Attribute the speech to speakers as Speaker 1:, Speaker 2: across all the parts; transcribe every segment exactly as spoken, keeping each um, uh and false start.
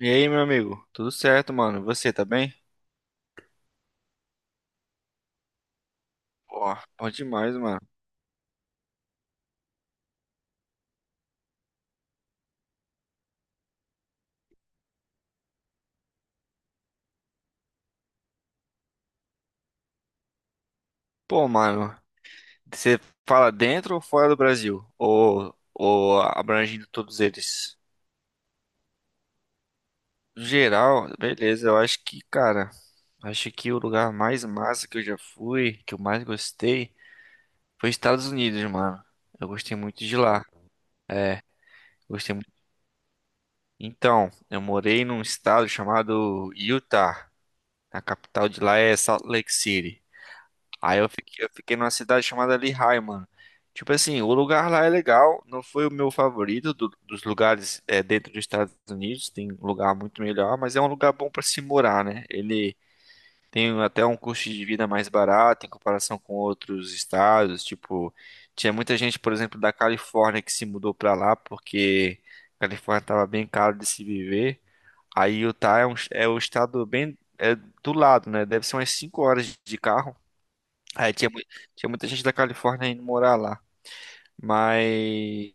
Speaker 1: E aí, meu amigo? Tudo certo, mano? E você tá bem? Pô, bom demais, mano. Pô, mano, você fala dentro ou fora do Brasil? Ou, ou abrangindo todos eles? No geral, beleza, eu acho que, cara, acho que o lugar mais massa que eu já fui, que eu mais gostei, foi Estados Unidos, mano. Eu gostei muito de lá. Gostei muito. Então, eu morei num estado chamado Utah. A capital de lá é Salt Lake City. Aí eu fiquei, eu fiquei numa cidade chamada Lehigh, mano. Tipo assim, o lugar lá é legal, não foi o meu favorito do- dos lugares é, dentro dos Estados Unidos, tem lugar muito melhor, mas é um lugar bom pra se morar, né? Ele tem até um custo de vida mais barato em comparação com outros estados, tipo, tinha muita gente, por exemplo, da Califórnia que se mudou pra lá porque a Califórnia tava bem caro de se viver. Aí Utah é um, é um estado bem é, do lado, né? Deve ser umas cinco horas de carro. Aí tinha, mui- Tinha muita gente da Califórnia indo morar lá. Mas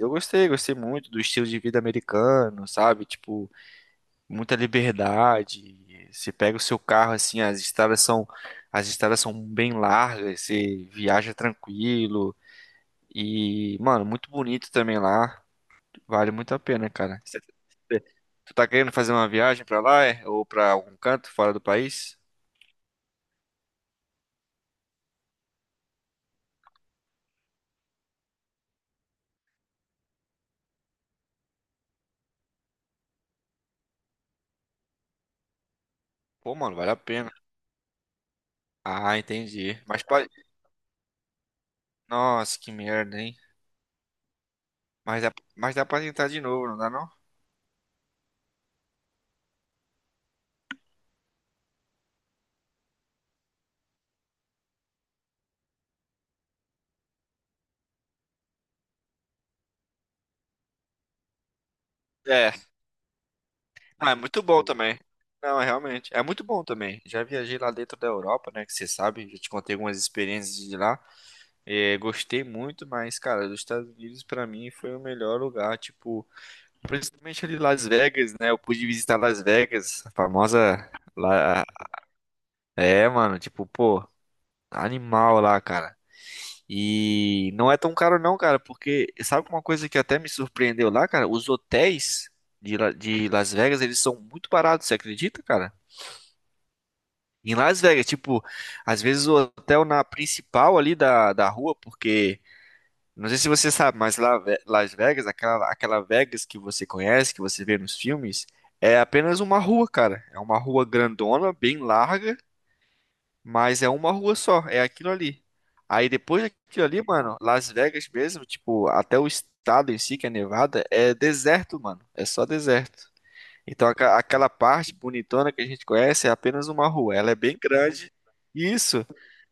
Speaker 1: eu gostei, gostei muito do estilo de vida americano, sabe? Tipo, muita liberdade. Você pega o seu carro assim, as estradas são, As estradas são bem largas, você viaja tranquilo. E, mano, muito bonito também lá. Vale muito a pena, cara. Você- você- Tu tá querendo fazer uma viagem pra lá, é? Ou pra algum canto fora do país? Pô, mano, vale a pena. Ah, entendi. Mas pode. Nossa, que merda, hein? Mas dá, mas dá pra tentar de novo, não dá não? É, ah, é muito bom também. Não, é realmente, é muito bom também. Já viajei lá dentro da Europa, né, que você sabe, já te contei algumas experiências de lá. É, gostei muito, mas, cara, dos Estados Unidos pra mim foi o melhor lugar, tipo, principalmente ali Las Vegas, né? Eu pude visitar Las Vegas, a famosa lá, é, mano, tipo, pô, animal lá, cara. E não é tão caro não, cara, porque sabe uma coisa que até me surpreendeu lá, cara? Os hotéis de, La- de Las Vegas, eles são muito baratos, você acredita, cara? Em Las Vegas, tipo, às vezes o hotel na principal ali da, da rua, porque, não sei se você sabe, mas lá, Ve- Las Vegas, aquela, aquela Vegas que você conhece, que você vê nos filmes, é apenas uma rua, cara. É uma rua grandona, bem larga, mas é uma rua só, é aquilo ali. Aí depois daquilo ali, mano, Las Vegas mesmo, tipo, até o estado em si, que é Nevada, é deserto, mano. É só deserto. Então aca- aquela parte bonitona que a gente conhece é apenas uma rua. Ela é bem grande. Isso,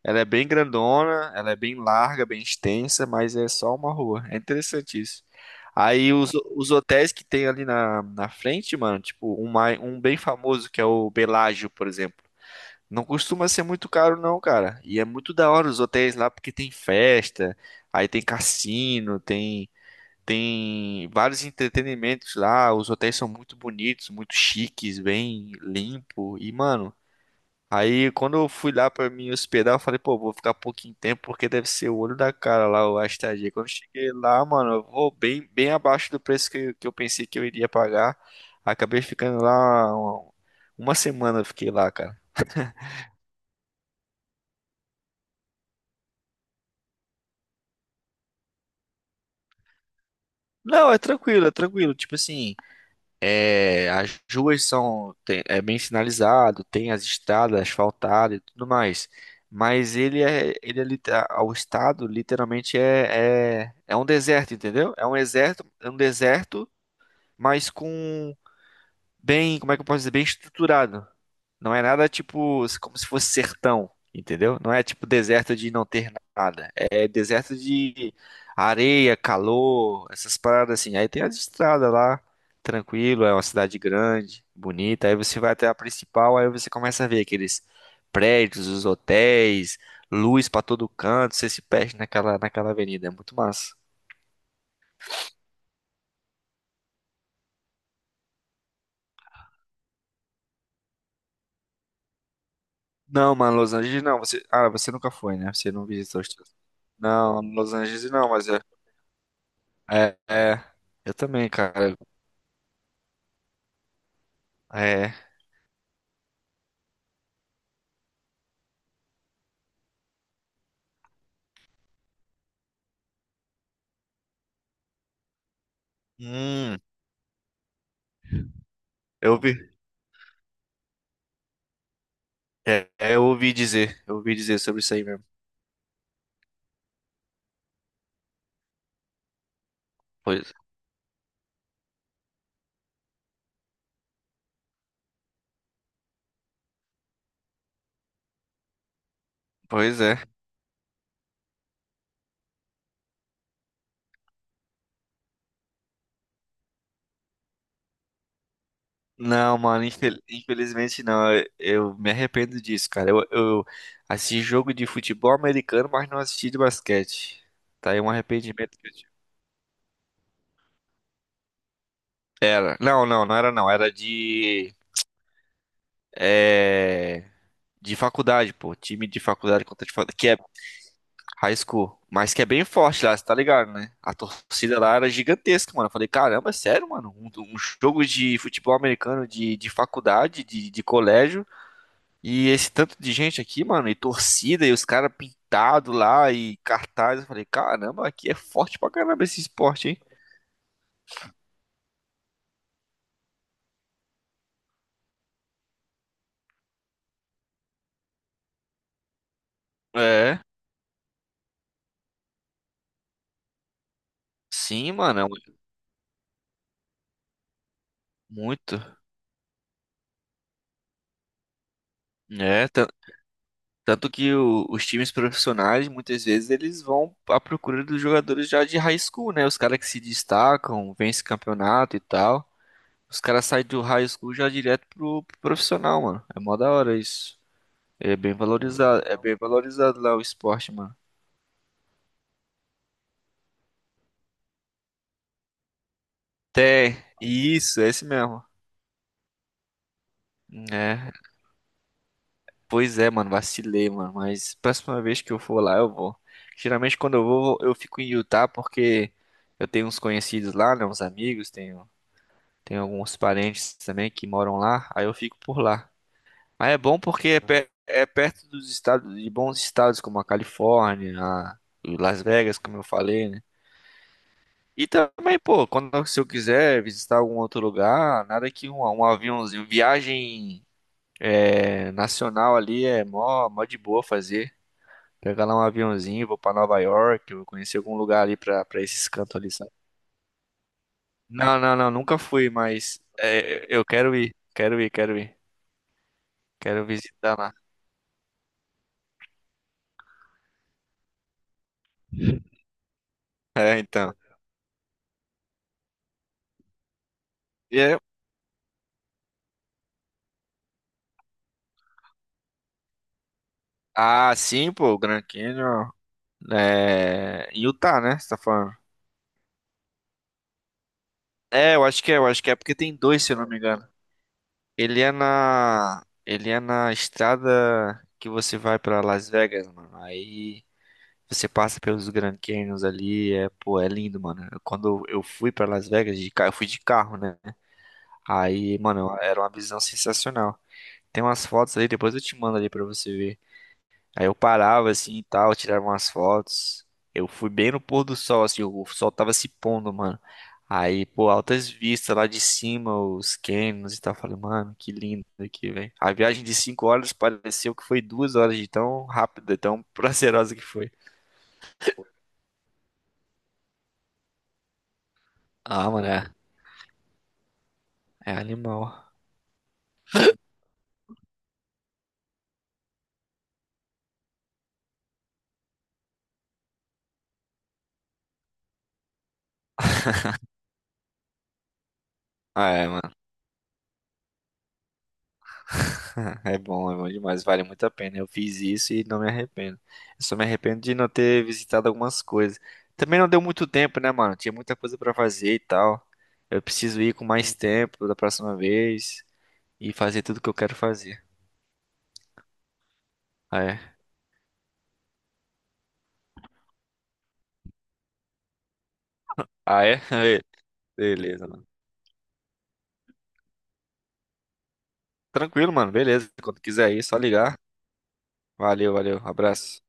Speaker 1: ela é bem grandona, ela é bem larga, bem extensa, mas é só uma rua. É interessante isso. Aí os, os hotéis que tem ali na, na frente, mano, tipo, um, mai- um bem famoso que é o Bellagio, por exemplo. Não costuma ser muito caro, não, cara. E é muito da hora os hotéis lá porque tem festa, aí tem cassino, tem tem vários entretenimentos lá. Os hotéis são muito bonitos, muito chiques, bem limpo. E, mano, aí quando eu fui lá pra me hospedar, eu falei, pô, vou ficar pouquinho tempo porque deve ser o olho da cara lá a estadia. Quando eu cheguei lá, mano, eu vou bem bem abaixo do preço que, que eu pensei que eu iria pagar. Acabei ficando lá uma, uma semana, eu fiquei lá, cara. Não, é tranquilo, é tranquilo. Tipo assim, é, as ruas são tem- é bem sinalizado, tem as estradas asfaltadas e tudo mais. Mas ele é, ele é, lite- o estado literalmente é, é, é um deserto, entendeu? É um deserto, é um deserto, mas com bem, como é que eu posso dizer, bem estruturado. Não é nada tipo como se fosse sertão, entendeu? Não é tipo deserto de não ter nada. É deserto de areia, calor, essas paradas assim. Aí tem as estradas lá, tranquilo, é uma cidade grande, bonita. Aí você vai até a principal, aí você começa a ver aqueles prédios, os hotéis, luz pra todo canto, você se perde naquela naquela avenida, é muito massa. Não, mano, Los Angeles não. Você, ah, você nunca foi, né? Você não visitou os Estados Unidos. Não, Los Angeles não, mas é. É, é. Eu também, cara. É. Hum, eu ouvi. É, é, eu ouvi dizer. Eu ouvi dizer sobre isso aí mesmo. Pois, pois é. Não, mano, infel- infelizmente não. Eu, eu me arrependo disso, cara. Eu, eu assisti jogo de futebol americano, mas não assisti de basquete. Tá aí um arrependimento que eu tive. Era. Não, não, não era não. Era de. É. De faculdade, pô. Time de faculdade contra de faculdade, que é high school, mas que é bem forte lá, você tá ligado, né? A torcida lá era gigantesca, mano. Eu falei, caramba, é sério, mano? Um, um jogo de futebol americano de, de faculdade, de, de colégio, e esse tanto de gente aqui, mano, e torcida, e os caras pintados lá, e cartaz. Eu falei, caramba, aqui é forte pra caramba esse esporte, hein? É, sim, mano, é muito. É, tan- Tanto que o- os times profissionais, muitas vezes, eles vão à procura dos jogadores já de high school, né? Os caras que se destacam, vencem campeonato e tal. Os caras saem do high school já direto pro, pro profissional, mano. É mó da hora isso. É bem valorizado, é bem valorizado lá o esporte, mano. Até, isso, é esse mesmo. É, pois é, mano, vacilei, mano. Mas próxima vez que eu for lá, eu vou. Geralmente quando eu vou, eu fico em Utah porque eu tenho uns conhecidos lá, né? Uns amigos, tenho tem alguns parentes também que moram lá, aí eu fico por lá. Mas é bom porque é, pe- é perto dos estados, de bons estados como a Califórnia, a Las Vegas, como eu falei, né? E também, pô, quando se eu quiser visitar algum outro lugar, nada que um, um aviãozinho, viagem é, nacional ali é mó, mó de boa fazer. Pegar lá um aviãozinho, vou pra Nova York, vou conhecer algum lugar ali pra, pra esses cantos ali, sabe? Não, não, não, nunca fui, mas é, eu quero ir, quero ir, quero ir, quero visitar lá. É, então. E é- Ah, sim, pô, o Grand Canyon é em Utah, né? Você tá falando? É, eu acho que é, eu acho que é porque tem dois, se eu não me engano. Ele é na, ele é na estrada que você vai pra Las Vegas, mano. Aí você passa pelos Grand Canyons ali, é, pô, é lindo, mano. Quando eu fui pra Las Vegas de carro, eu fui de carro, né? Aí, mano, era uma visão sensacional. Tem umas fotos ali, depois eu te mando ali pra você ver. Aí eu parava assim e tal, tirava umas fotos. Eu fui bem no pôr do sol, assim, o sol tava se pondo, mano. Aí, pô, altas vistas lá de cima, os cânions e tal. Eu falei, mano, que lindo aqui, velho. A viagem de cinco horas pareceu que foi duas horas de tão rápida, tão prazerosa que foi. Ah, mano, é, é animal. Ah, é, mano. É bom, é bom demais, vale muito a pena. Eu fiz isso e não me arrependo. Eu só me arrependo de não ter visitado algumas coisas. Também não deu muito tempo, né, mano? Tinha muita coisa pra fazer e tal. Eu preciso ir com mais tempo da próxima vez e fazer tudo que eu quero fazer. Ah, é? Ah, é? Beleza, mano. Tranquilo, mano. Beleza. Quando quiser ir, é só ligar. Valeu, valeu. Abraço.